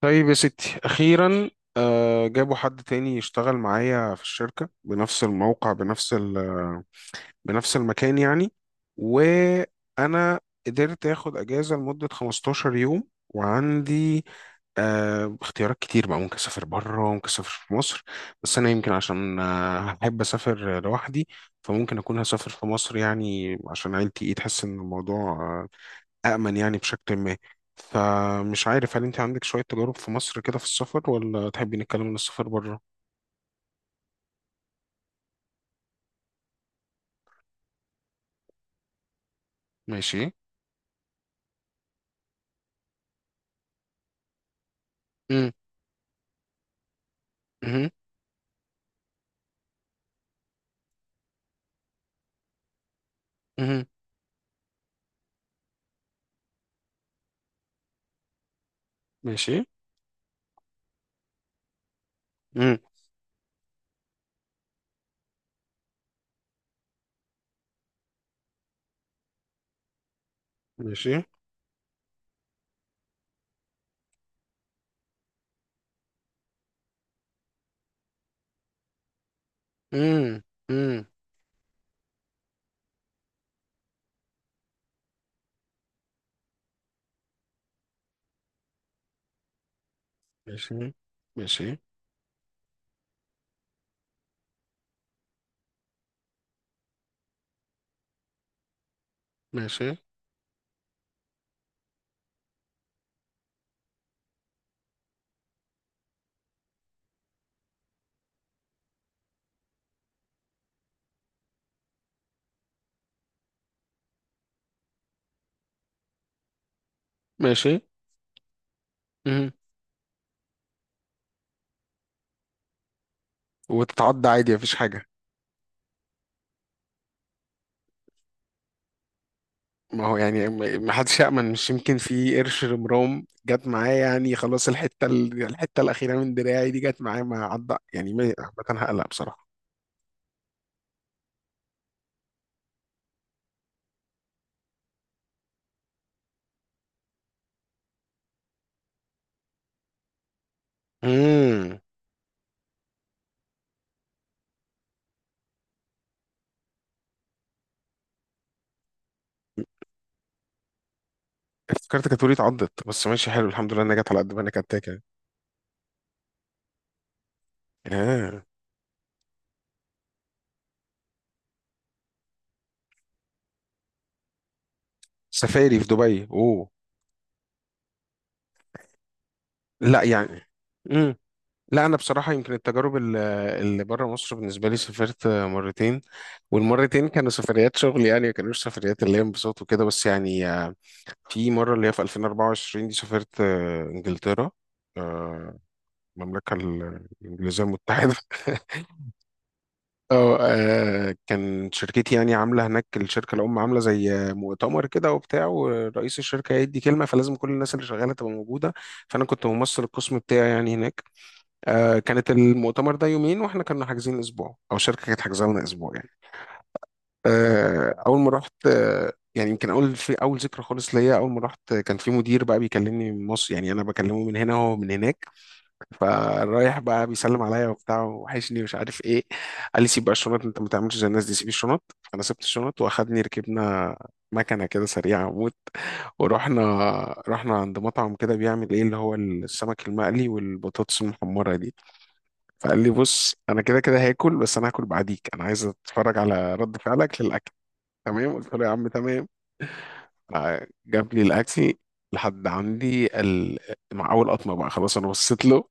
طيب يا ستي أخيرا. جابوا حد تاني يشتغل معايا في الشركة بنفس الموقع بنفس المكان يعني. وأنا قدرت آخد أجازة لمدة 15 يوم، وعندي اختيارات كتير بقى، ممكن أسافر بره ممكن أسافر في مصر. بس أنا يمكن عشان أحب أسافر لوحدي، فممكن أكون هسافر في مصر يعني عشان عيلتي إيه تحس إن الموضوع أأمن يعني بشكل ما. فمش عارف هل أنت عندك شوية تجارب في مصر كده في السفر، ولا تحبي نتكلم عن السفر بره؟ ماشي. مم. مم. مم. ماشي. مم. ماشي. مم. مم. ماشي. ماشي. ماشي. ماشي. مم. وتتعدى عادي مفيش حاجة؟ ما هو يعني ما حدش يأمن، مش يمكن في قرش رمرام جت معاه يعني خلاص، الحتة الأخيرة من دراعي دي جت معاه ما عدى يعني ما. عامة هقلق بصراحة. مم. افتكرتك هتقولي اتعضت، بس ماشي حلو الحمد لله انها جت على قد ما انا كتاكه يعني. آه. سفاري في دبي، اوه. لا يعني. امم. لا انا بصراحه يمكن اللي بره مصر بالنسبه لي سافرت مرتين، والمرتين كانوا سفريات شغل يعني ما كانوش سفريات اللي هي انبساط وكده. بس يعني في مره اللي هي في 2024 دي سافرت انجلترا، آه، الانجليزيه المتحده. اه، كان شركتي يعني عامله هناك، الشركه الام عامله زي مؤتمر كده وبتاع، ورئيس الشركه هيدي كلمه، فلازم كل الناس اللي شغاله تبقى موجوده. فانا كنت ممثل القسم بتاعي يعني هناك. آه كانت المؤتمر ده يومين، واحنا كنا حاجزين اسبوع، او الشركه كانت حاجزه لنا اسبوع يعني. آه اول ما رحت، آه يعني يمكن اول في اول ذكرى خالص ليا، اول ما رحت كان في مدير بقى بيكلمني من مصر يعني انا بكلمه من هنا وهو من هناك، فرايح بقى بيسلم عليا وبتاع وحشني ومش عارف ايه. قال لي سيب بقى الشنط، انت ما تعملش زي الناس دي، سيب الشنط. فانا سبت الشنط واخدني ركبنا مكنه كده سريعه موت، ورحنا. رحنا عند مطعم كده بيعمل ايه اللي هو السمك المقلي والبطاطس المحمره دي. فقال لي بص انا كده كده هاكل، بس انا هاكل بعديك، انا عايز اتفرج على رد فعلك للاكل. تمام، قلت له يا عم تمام. جاب لي الاكل لحد عندي ال... مع اول قطمه بقى خلاص انا بصيت له،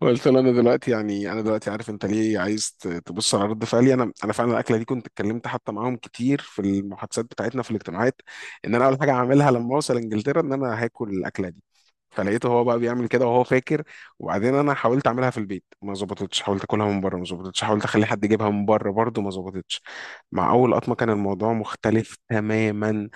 قلت له انا دلوقتي يعني انا دلوقتي عارف انت ليه عايز تبص على رد فعلي، انا فعلا الاكله دي كنت اتكلمت حتى معاهم كتير في المحادثات بتاعتنا في الاجتماعات ان انا اول حاجه هعملها لما اوصل انجلترا ان انا هاكل الاكله دي. فلقيته هو بقى بيعمل كده وهو فاكر. وبعدين انا حاولت اعملها في البيت ما ظبطتش، حاولت اكلها من بره ما ظبطتش، حاولت اخلي حد يجيبها من بره برضه ما ظبطتش. مع اول قطمه كان الموضوع مختلف تماما.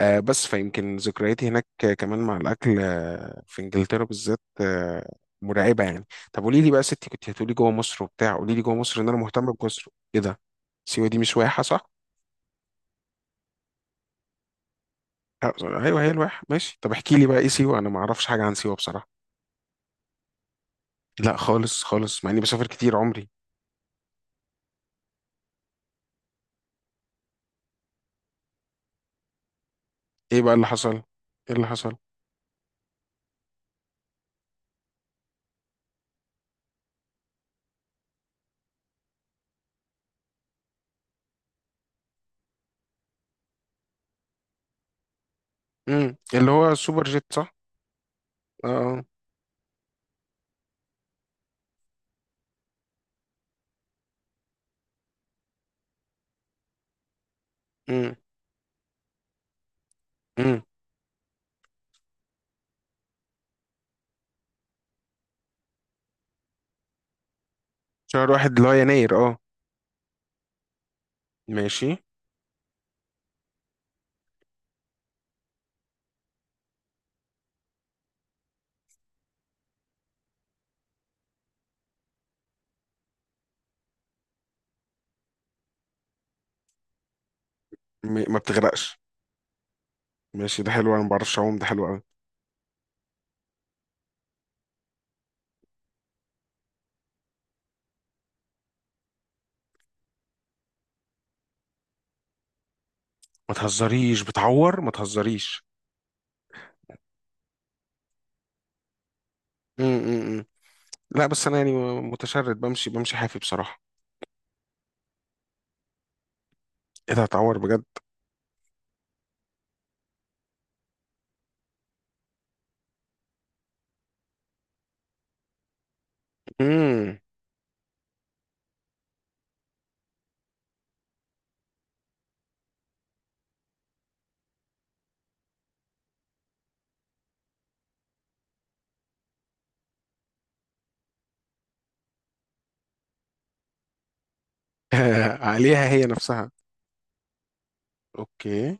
بس فيمكن ذكرياتي هناك كمان مع الأكل في إنجلترا بالذات، مرعبة يعني. طب قولي لي بقى يا ستي، كنت هتقولي جوه مصر وبتاع، قولي لي جوه مصر، إن أنا مهتم بجزر. إيه ده؟ سيوة دي مش واحة صح؟ آه، أيوه هي الواحة. ماشي طب احكي لي بقى إيه سيوة، أنا ما أعرفش حاجة عن سيوة بصراحة. لا خالص خالص، مع إني بسافر كتير عمري. إيه بقى اللي حصل؟ إيه اللي حصل؟ امم، اللي هو السوبر جيت صح؟ آه. امم. امم. شهر واحد اللي هو يناير أه. ماشي. ما بتغرقش؟ ماشي ده حلو، أنا ما بعرفش أعوم، ده حلو أوي. ما تهزريش بتعور، ما تهزريش. امم. لا بس انا يعني متشرد، بمشي حافي بصراحه. ايه ده هتعور بجد. امم. عليها هي نفسها. اوكي.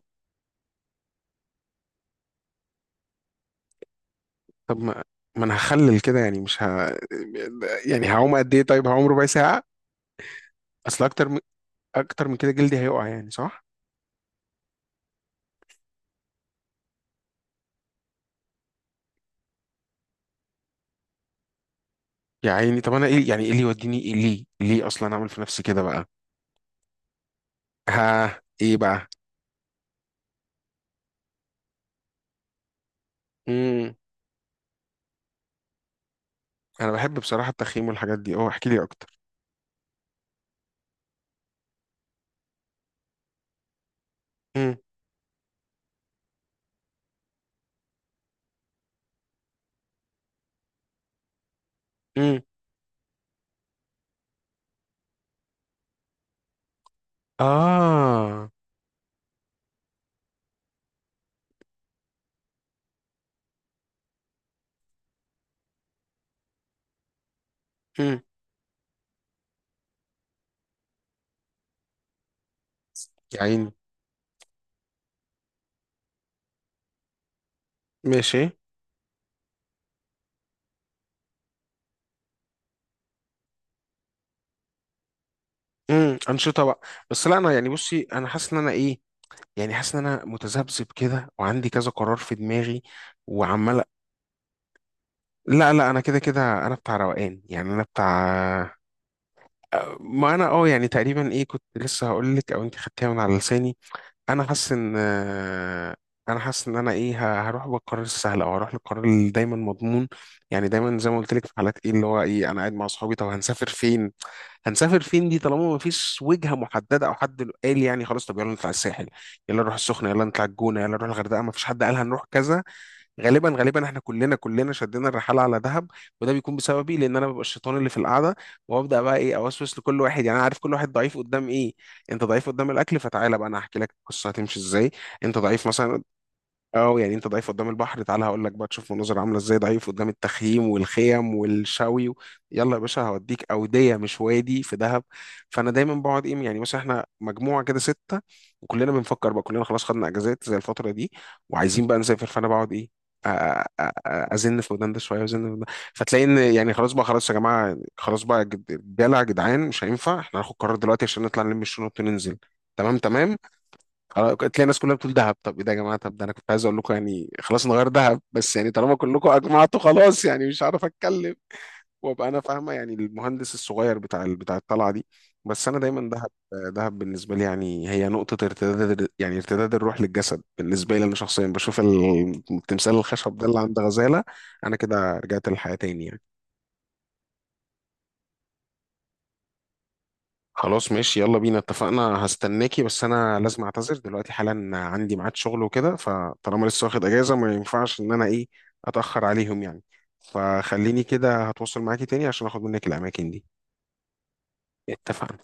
طب ما، انا هخلل كده يعني مش ه... يعني هعوم قد ايه؟ طيب هعوم ربع ساعه. اصل اكتر من... اكتر من كده جلدي هيقع يعني صح. يا عيني طب انا ايه يعني، ايه اللي يوديني، ايه ليه ليه اصلا اعمل في نفسي كده بقى؟ ها ايه بقى؟ امم. انا بحب بصراحه التخييم والحاجات دي، اه احكي لي اكتر. امم. امم. اه. يا عيني. ماشي. امم. انشطه بقى. بس لا انا يعني بصي، انا حاسس ان انا ايه، يعني حاسس ان انا متذبذب كده وعندي كذا قرار في دماغي، وعمال. لا انا كده كده انا بتاع روقان يعني انا بتاع. ما انا اه يعني تقريبا ايه كنت لسه هقول لك، او انت خدتيها من على لساني. انا حاسس ان، انا حاسس ان انا ايه هروح بالقرار السهل او هروح للقرار اللي دايما مضمون. يعني دايما زي ما قلت لك في حالات ايه اللي هو ايه، انا قاعد مع اصحابي طب هنسافر فين؟ هنسافر فين دي طالما مفيش وجهه محدده او حد قال يعني خلاص، طب يلا نطلع الساحل، يلا نروح السخنه، يلا نطلع الجونه، يلا نروح الغردقه، مفيش حد قال هنروح كذا. غالبا احنا كلنا شدينا الرحاله على دهب. وده بيكون بسببي، لان انا ببقى الشيطان اللي في القعده، وابدا بقى ايه اوسوس لكل واحد. يعني انا عارف كل واحد ضعيف قدام ايه. انت ضعيف قدام الاكل، فتعالى بقى انا هحكي لك القصه هتمشي ازاي. انت ضعيف مثلا. اه يعني انت ضعيف قدام البحر، تعالى هقول لك بقى تشوف مناظر عامله ازاي، ضعيف قدام التخييم والخيم والشوي و... يلا يا باشا هوديك اوديه مش وادي في دهب. فانا دايما بقعد ايه يعني، مثلا احنا مجموعه كده سته، وكلنا بنفكر بقى كلنا خلاص خدنا اجازات زي الفتره دي، وعايزين بقى نسافر، فانا بقعد ايه. ازن في ودان ده شويه وازن في ودان ده. فتلاقي ان يعني خلاص بقى خلاص يا جماعه خلاص بقى رجاله يا جدعان مش هينفع احنا هناخد قرار دلوقتي عشان نطلع نلم الشنط وننزل. تمام تمام. خلاص تلاقي الناس كلها بتقول دهب. طب ايه ده يا جماعه؟ طب ده انا كنت عايز اقول لكم يعني، خلاص نغير دهب، بس يعني طالما كلكم اجمعتوا خلاص يعني مش عارف اتكلم. وابقى انا فاهمه يعني المهندس الصغير بتاع الطلعه دي. بس انا دايما دهب. دهب بالنسبه لي يعني هي نقطه ارتداد، يعني ارتداد الروح للجسد، بالنسبه لي انا شخصيا بشوف التمثال الخشب ده اللي عند غزاله، انا كده رجعت للحياه تاني يعني. خلاص ماشي يلا بينا اتفقنا، هستناكي. بس انا لازم اعتذر دلوقتي حالا، عندي ميعاد شغل وكده، فطالما لسه واخد اجازة ما ينفعش ان انا ايه اتأخر عليهم يعني. فخليني كده هتواصل معاكي تاني عشان اخد منك الاماكن دي. اتفقنا.